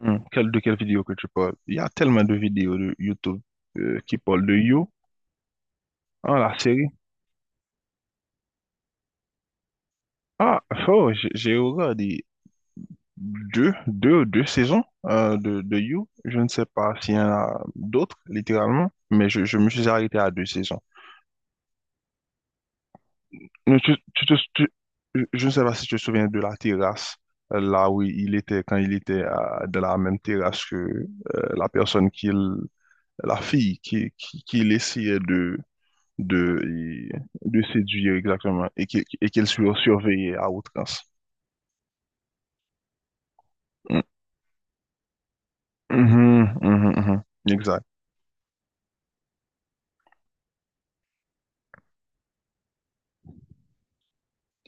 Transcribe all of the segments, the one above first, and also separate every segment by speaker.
Speaker 1: De quelle vidéo que tu parles? Il y a tellement de vidéos de YouTube qui parlent de You, ah, la série. Ah, oh, j'ai regardé deux saisons de You. Je ne sais pas s'il y en a d'autres, littéralement, mais je me suis arrêté à deux saisons. Mais je ne sais pas si tu te souviens de la terrasse, là où il était, quand il était de la même terrasse que la personne qu'il, la fille qu'il essayait de, de séduire exactement et qu'elle soit surveillée à outrance. Mm. Mhm, mhm, mhm. Exact.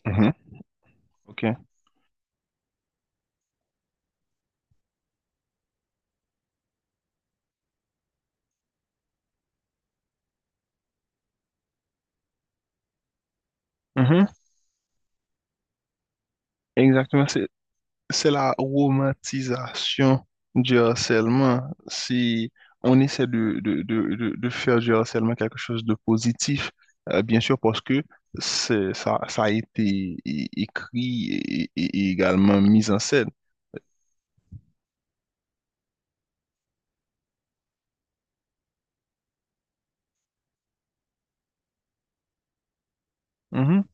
Speaker 1: Mhm. OK. Mhm. Exactement. C'est la romantisation du harcèlement. Si on essaie de faire du harcèlement quelque chose de positif, bien sûr, parce que ça a été écrit et également mis en scène. Mhm,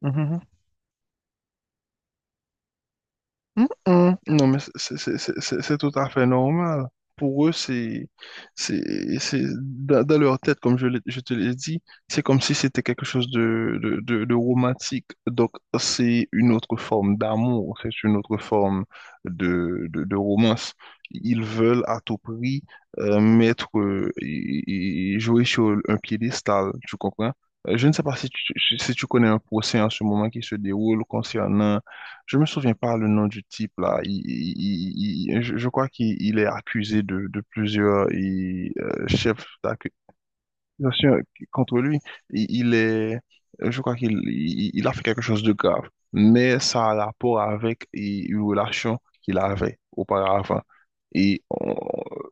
Speaker 1: mhm, mhm. Mm, mm. Non, mais c'est tout à fait normal. Pour eux, c'est, dans leur tête, comme je te l'ai dit, c'est comme si c'était quelque chose de romantique. Donc, c'est une autre forme d'amour, c'est une autre forme de romance. Ils veulent à tout prix mettre, et jouer sur un piédestal, tu comprends? Je ne sais pas si tu connais un procès en ce moment qui se déroule concernant je me souviens pas le nom du type là. Je crois qu'il il est accusé de plusieurs chefs d'accusations. Bien sûr, contre lui, il, il est, je crois qu'il il a fait quelque chose de grave, mais ça a rapport avec une relation qu'il avait auparavant, et, on-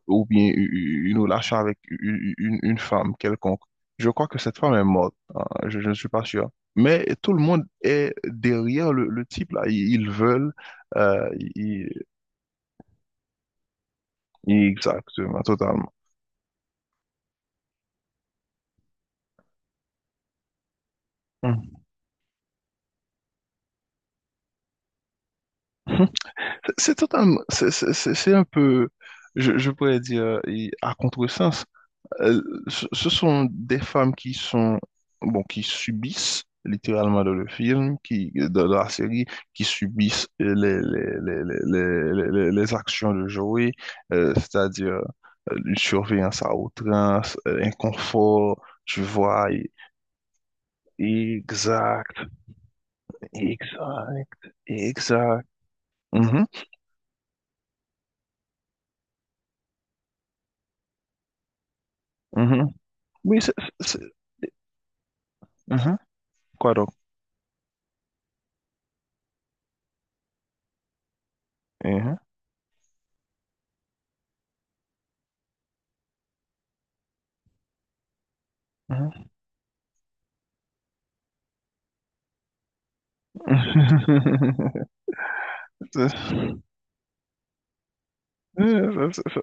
Speaker 1: ou bien u- une relation avec une femme quelconque. Je crois que cette femme est morte, hein, je ne suis pas sûr. Mais tout le monde est derrière le type là, ils veulent, euh, ils exactement, totalement. Mhm. C'est totalement, c'est un peu, je pourrais dire, et à contresens. Euh, ce sont des femmes qui sont, bon, qui subissent littéralement dans le film, qui, dans la série, qui subissent les actions de Joey, c'est-à-dire une surveillance à outrance, un tu vois, exact, exact, exact. Mhm, mhm. Oui, c'est- c'est- mhm. Quoi donc? Hein, hein. Ça, ça, ça, ça.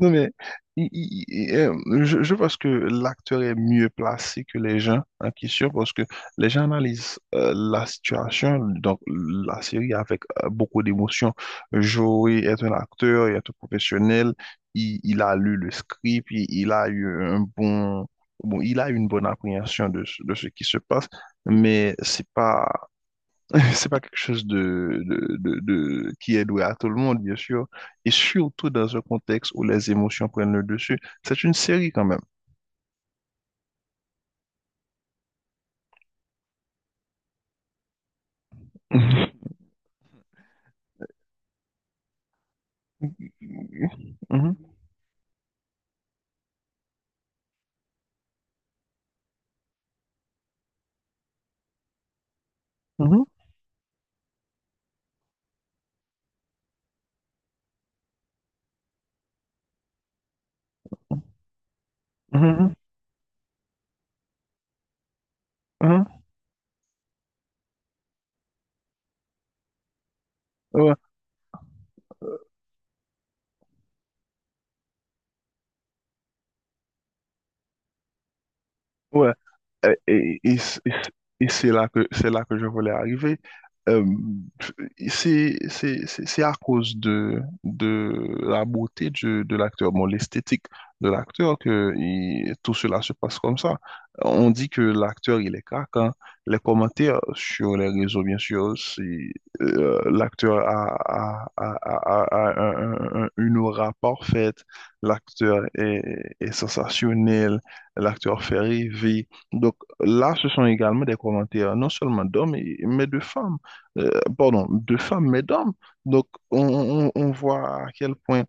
Speaker 1: Non mais il- il- il- euh, je pense que l'acteur est mieux placé que les gens en question parce que les gens analysent la situation, donc la série avec beaucoup d'émotion. Joey est un acteur, il est un professionnel, il a lu le script, il a eu bon, il a une bonne appréhension de ce qui se passe, mais c'est pas C'est pas quelque chose qui est loué à tout le monde, bien sûr, et surtout dans un contexte où les émotions prennent le dessus. C'est une série quand même. Mhm. Mhm. Mhm. Mhm. Mhm. Ouais. Ouais, euh, et, et, c- et c- et c'est là que je voulais arriver. Euh, c'est à cause de la beauté de l'acteur, bon, l'esthétique de l'acteur que tout cela se passe comme ça. On dit que l'acteur, il est craquant. Les commentaires sur les réseaux, bien sûr, l'acteur a une aura parfaite, l'acteur est sensationnel. L'acteur Ferry vit. Donc là, ce sont également des commentaires non seulement d'hommes, mais de femmes. Euh, Pardon, de femmes, mais d'hommes. Donc on voit à quel point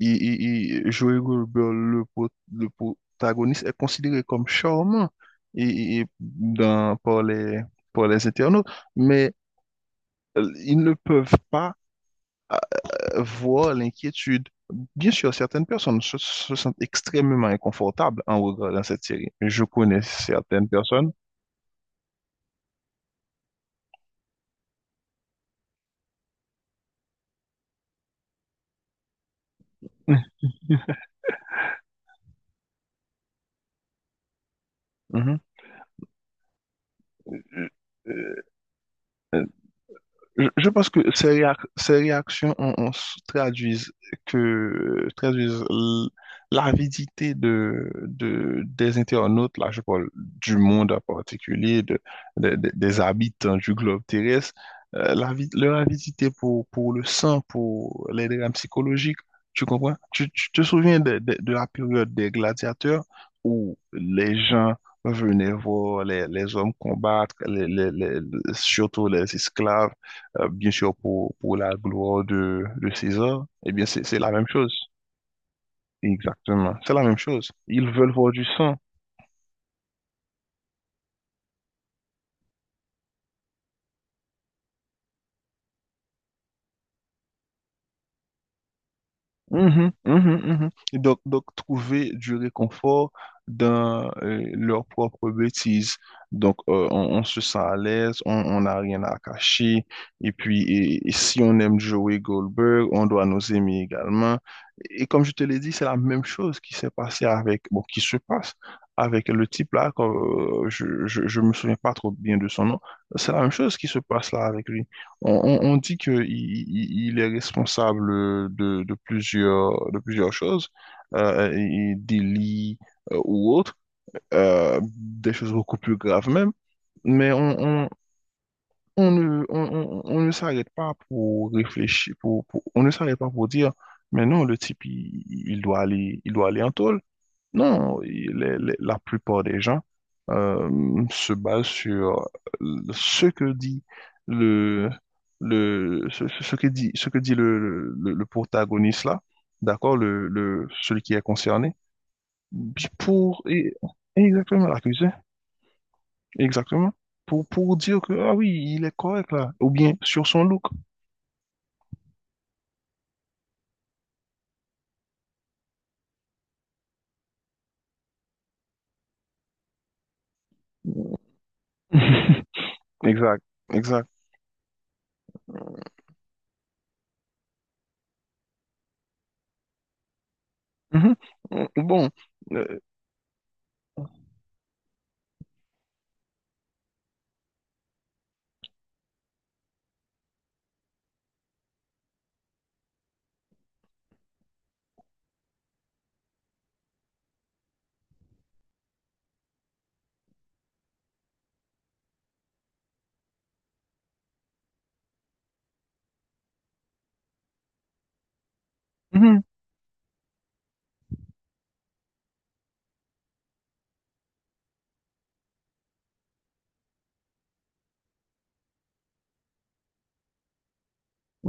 Speaker 1: il, il- Joey Goldberg, le protagoniste, est considéré comme charmant et, et- dans, par les, par les internautes, mais ils ne peuvent pas voient l'inquiétude. Bien sûr, certaines personnes se sentent extrêmement inconfortables en regardant cette série. Je connais certaines personnes. Mhm. Euh, euh, je pense que ces réactions traduisent que traduisent l'avidité de des internautes, là je parle du monde en particulier, des habitants du globe terrestre, leur avidité pour le sang, pour les drames psychologiques, tu comprends? Tu te souviens de la période des gladiateurs où les gens venaient voir les hommes combattre, surtout les esclaves bien sûr pour la gloire de César, eh bien c'est la même chose. Exactement, c'est la même chose. Ils veulent voir du sang. Mhm, mhm, mhm. Et donc, trouver du réconfort dans leur propre bêtise. Donc, on se sent à l'aise, on n'a rien à cacher. Et puis, si on aime Joey Goldberg, on doit nous aimer également. Et comme je te l'ai dit, c'est la même chose qui s'est passée avec, bon, qui se passe avec le type là, quand, je me souviens pas trop bien de son nom. C'est la même chose qui se passe là avec lui. On dit qu'il il est responsable de plusieurs choses, et délits, ou autres, des choses beaucoup plus graves même, mais on ne s'arrête pas pour réfléchir, on ne s'arrête pas pour dire, mais non, le type, il doit aller en taule. Non, la plupart des gens euh, se basent sur ce que dit le, le protagoniste là, d'accord, le celui qui est concerné, puis pour et, exactement l'accusé, exactement pour dire que ah oui il est correct là, ou bien sur son look. Exact, exact. Mhm. Bon, euh,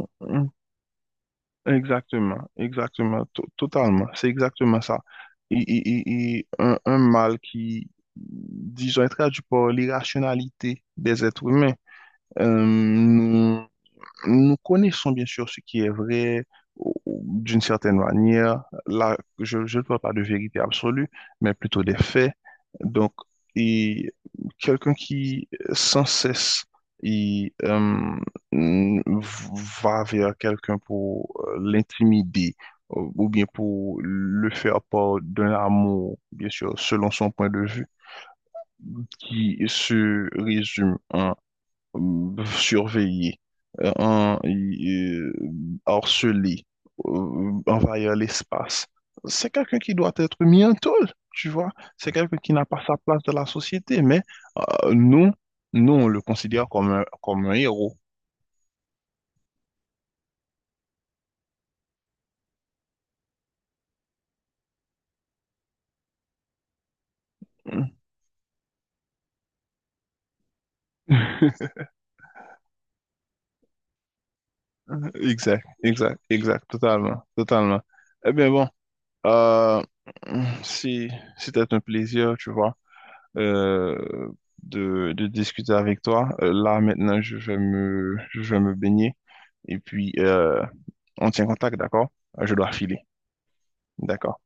Speaker 1: mhm. Exactement, exactement, totalement. C'est exactement ça. Et un mal qui, disons, est traduit par l'irrationalité des êtres humains. Euh, Nous connaissons bien sûr ce qui est vrai ou d'une certaine manière. Là, je ne parle pas de vérité absolue, mais plutôt des faits. Donc, et quelqu'un qui sans cesse il, euh, mm, va vers quelqu'un pour l'intimider ou bien pour le faire part d'un amour, bien sûr, selon son point de vue, qui se résume surveiller, euh, en- euh, harceler, envahir l'espace. C'est quelqu'un qui doit être mis en taule, tu vois. C'est quelqu'un qui n'a pas sa place dans la société, mais euh, nous, nous, on le considère comme comme un héros. Exact, exact, exact, totalement, totalement. Eh bien bon, euh, si c'était un plaisir, tu vois. euh, de, de, discuter avec toi. Là, maintenant, je vais me baigner et puis on tient contact, d'accord? Je dois filer, d'accord?